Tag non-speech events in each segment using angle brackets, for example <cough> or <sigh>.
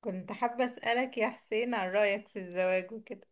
كنت حابة أسألك يا حسين عن رأيك في الزواج وكده.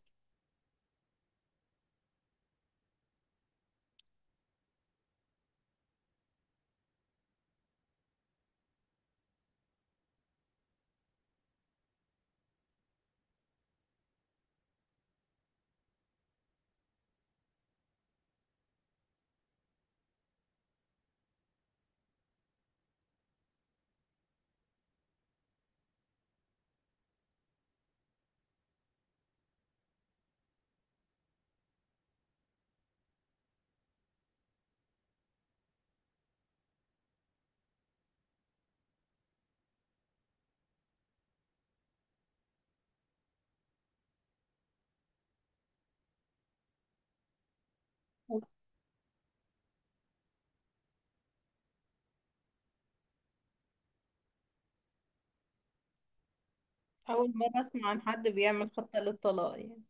أول مرة أسمع عن حد بيعمل خطة للطلاق يعني.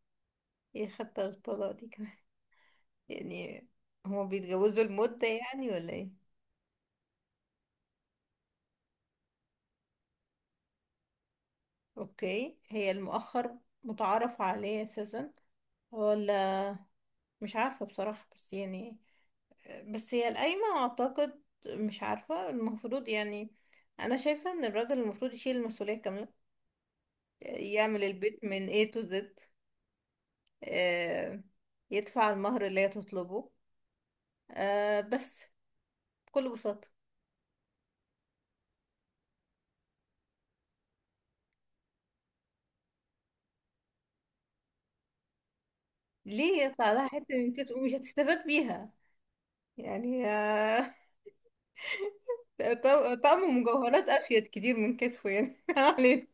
إيه خطة للطلاق دي كمان؟ <laughs> يعني هو بيتجوزوا المدة يعني ولا إيه؟ أوكي، هي المؤخر متعارف عليه أساسا ولا؟ مش عارفة بصراحة، بس يعني بس هي القايمة أعتقد مش عارفة المفروض يعني. أنا شايفة إن الراجل المفروض يشيل المسؤولية كاملة، يعمل البيت من A to Z، آه، يدفع المهر اللي هي تطلبه، بس بكل بساطة. ليه يطلع لها حتة من كده ومش هتستفاد بيها يعني؟ طعم طعم مجوهرات أفيد كتير من كتفه يعني. <laughs> ما علينا.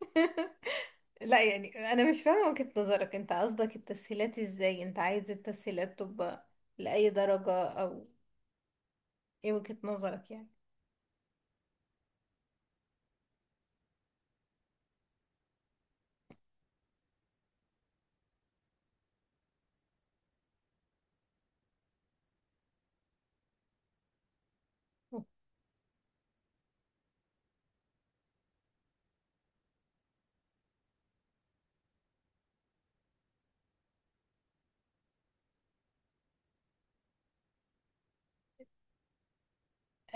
<laughs> لا يعني أنا مش فاهمة وجهة نظرك. أنت قصدك التسهيلات إزاي؟ أنت عايز التسهيلات تبقى لأي درجة؟ أو إيه وجهة نظرك يعني؟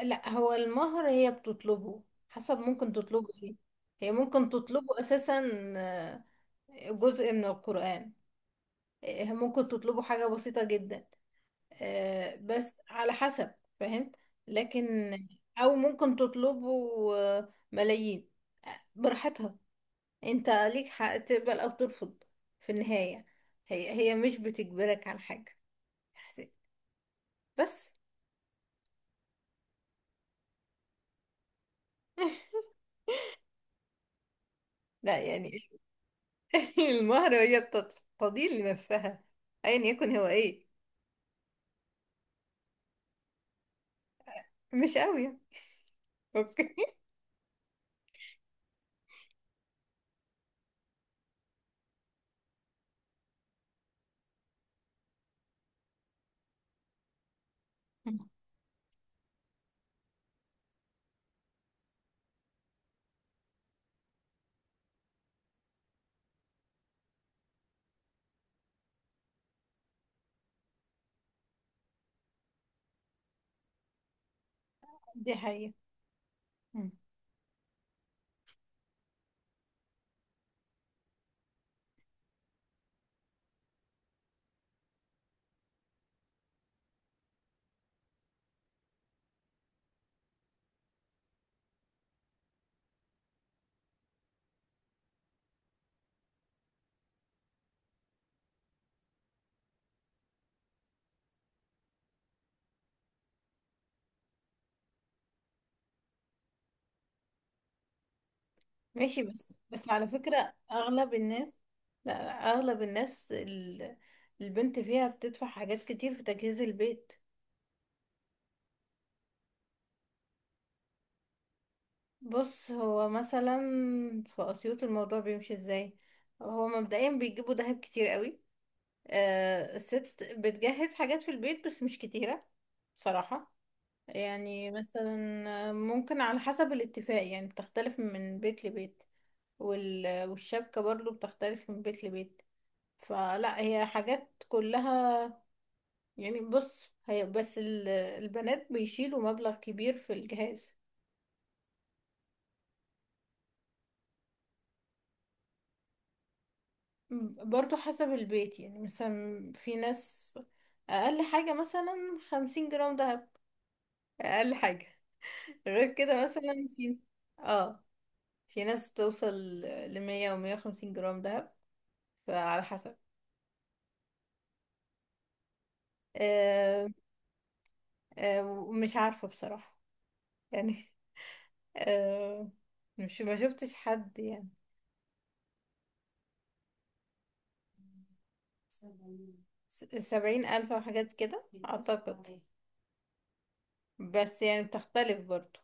لا هو المهر هي بتطلبه حسب، ممكن تطلبه ايه. هي ممكن تطلبه اساسا آه، جزء من القرآن. ممكن تطلبه حاجة بسيطة جدا، بس على حسب، فاهم؟ لكن او ممكن تطلبه ملايين، براحتها. انت ليك حق تقبل او ترفض في النهاية. هي مش بتجبرك على حاجة، بس. <laughs> لا يعني <laughs> المهرة هي تضيل لنفسها ايا يكن هو ايه. مش قوي. اوكي. <laughs> مم. دي حقيقة. مم. ماشي، بس على فكرة أغلب الناس، لا أغلب الناس البنت فيها بتدفع حاجات كتير في تجهيز البيت. بص، هو مثلا في أسيوط الموضوع بيمشي ازاي. هو مبدئيا بيجيبوا دهب كتير قوي. الست بتجهز حاجات في البيت بس مش كتيرة بصراحة. يعني مثلا ممكن على حسب الاتفاق، يعني بتختلف من بيت لبيت. والشبكة برضو بتختلف من بيت لبيت. فلا هي حاجات كلها يعني. بص، هي بس البنات بيشيلوا مبلغ كبير في الجهاز. برضو حسب البيت، يعني مثلا في ناس أقل حاجة مثلا 50 جرام دهب، أقل حاجة. غير كده مثلا في، اه، في ناس بتوصل لـ100 و150 جرام دهب. فعلى حسب. آه، آه، مش عارفة بصراحة، يعني آه، مش ما شفتش حد يعني. 70 ألف أو حاجات كده أعتقد، بس يعني بتختلف برضو.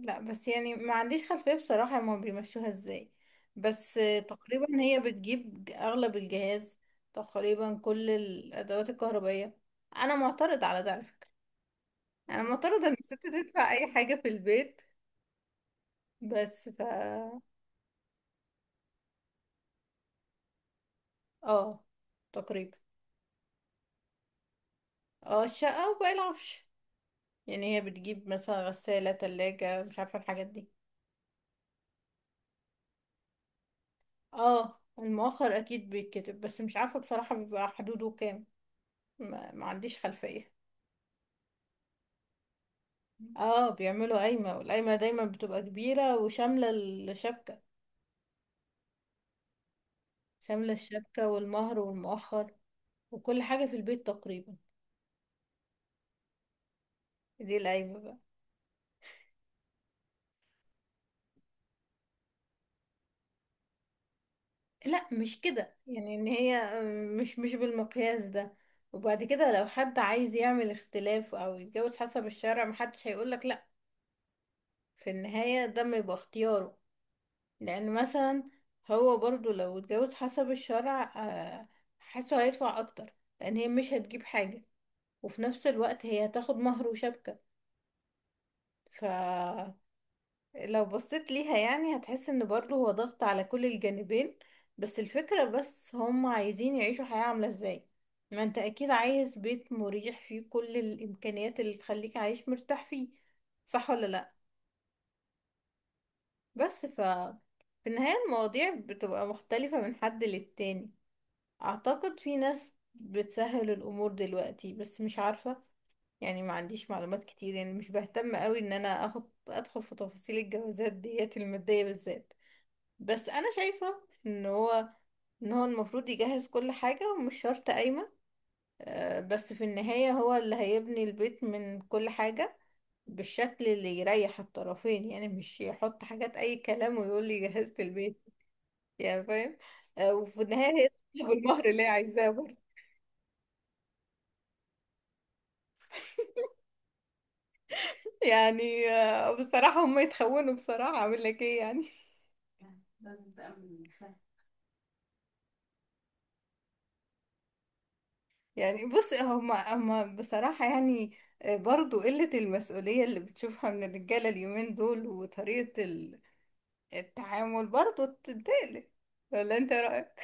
لا بس يعني ما عنديش خلفية بصراحة هما بيمشوها ازاي. بس تقريبا هي بتجيب أغلب الجهاز، تقريبا كل الأدوات الكهربائية. أنا معترض على ده على فكرة. أنا معترضة إن الست تدفع أي حاجة في البيت، بس ف، اه تقريبا. اه الشقة وباقي العفش. يعني هي بتجيب مثلا غسالة، تلاجة، مش عارفة الحاجات دي. اه المؤخر اكيد بيتكتب بس مش عارفة بصراحة بيبقى حدوده كام. ما عنديش خلفية. اه بيعملوا قايمة، والقايمة دايما بتبقى كبيرة وشاملة الشبكة، شاملة الشبكة والمهر والمؤخر وكل حاجة في البيت تقريبا. دي القايمة بقى. لا مش كده، يعني ان هي مش بالمقياس ده. وبعد كده لو حد عايز يعمل اختلاف او يتجوز حسب الشرع محدش هيقولك، في النهاية ده ما يبقى اختياره. لأن مثلا هو برضو لو اتجوز حسب الشرع حاسه هيدفع أكتر، لأن هي مش هتجيب حاجة وفي نفس الوقت هي هتاخد مهر وشبكة. فلو بصيت ليها يعني هتحس ان برضو هو ضغط على كل الجانبين. بس الفكرة بس هم عايزين يعيشوا حياة عاملة ازاي. ما انت اكيد عايز بيت مريح فيه كل الامكانيات اللي تخليك عايش مرتاح فيه، صح ولا لا؟ بس ف في النهاية المواضيع بتبقى مختلفة من حد للتاني. أعتقد في ناس بتسهل الأمور دلوقتي بس مش عارفة، يعني ما عنديش معلومات كتير. يعني مش بهتم قوي إن أنا أخد أدخل في تفاصيل الجوازات ديت المادية بالذات. بس أنا شايفة إن هو المفروض يجهز كل حاجة، ومش شرط قايمة. بس في النهاية هو اللي هيبني البيت من كل حاجة بالشكل اللي يريح الطرفين. يعني مش يحط حاجات أي كلام ويقول لي جهزت البيت، يعني فاهم. وفي النهاية هي تطلب المهر اللي هي عايزاه برضه. <laughs> يعني بصراحة هم يتخونوا، بصراحة أعمل لك إيه يعني. يعني بص هم بصراحة يعني برضو قلة المسؤولية اللي بتشوفها من الرجالة اليومين دول وطريقة التعامل برضو تقلق. ولا أنت رأيك؟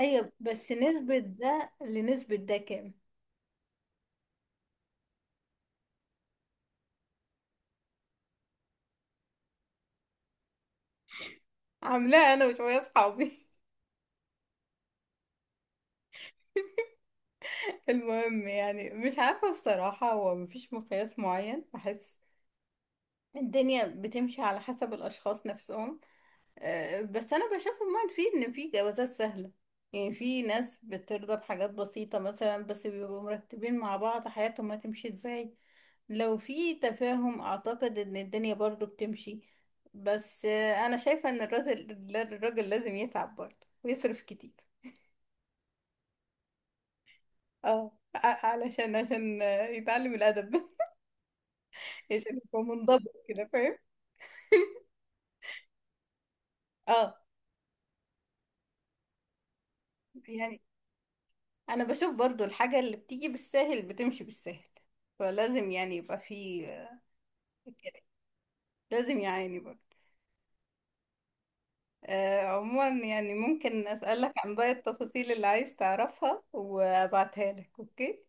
ايوه بس نسبة ده لنسبة ده كام؟ عاملاها أنا وشوية أصحابي. المهم يعني مش عارفة بصراحة، هو مفيش مقياس معين بحس. الدنيا بتمشي على حسب الأشخاص نفسهم. بس أنا بشوف عموما في إن في جوازات سهلة. يعني في ناس بترضى بحاجات بسيطة مثلا، بس بيبقوا مرتبين مع بعض حياتهم هتمشي ازاي. لو في تفاهم أعتقد إن الدنيا برضو بتمشي. بس أنا شايفة إن الراجل لازم يتعب برضه ويصرف كتير. اه ع- علشان عشان يتعلم الأدب، عشان يبقى منضبط كده، فاهم. اه. يعني انا بشوف برضو الحاجة اللي بتيجي بالساهل بتمشي بالساهل، فلازم يعني يبقى في، لازم يعاني برضو. آه عموما يعني ممكن اسألك عن باقي التفاصيل اللي عايز تعرفها وابعتها لك، اوكي.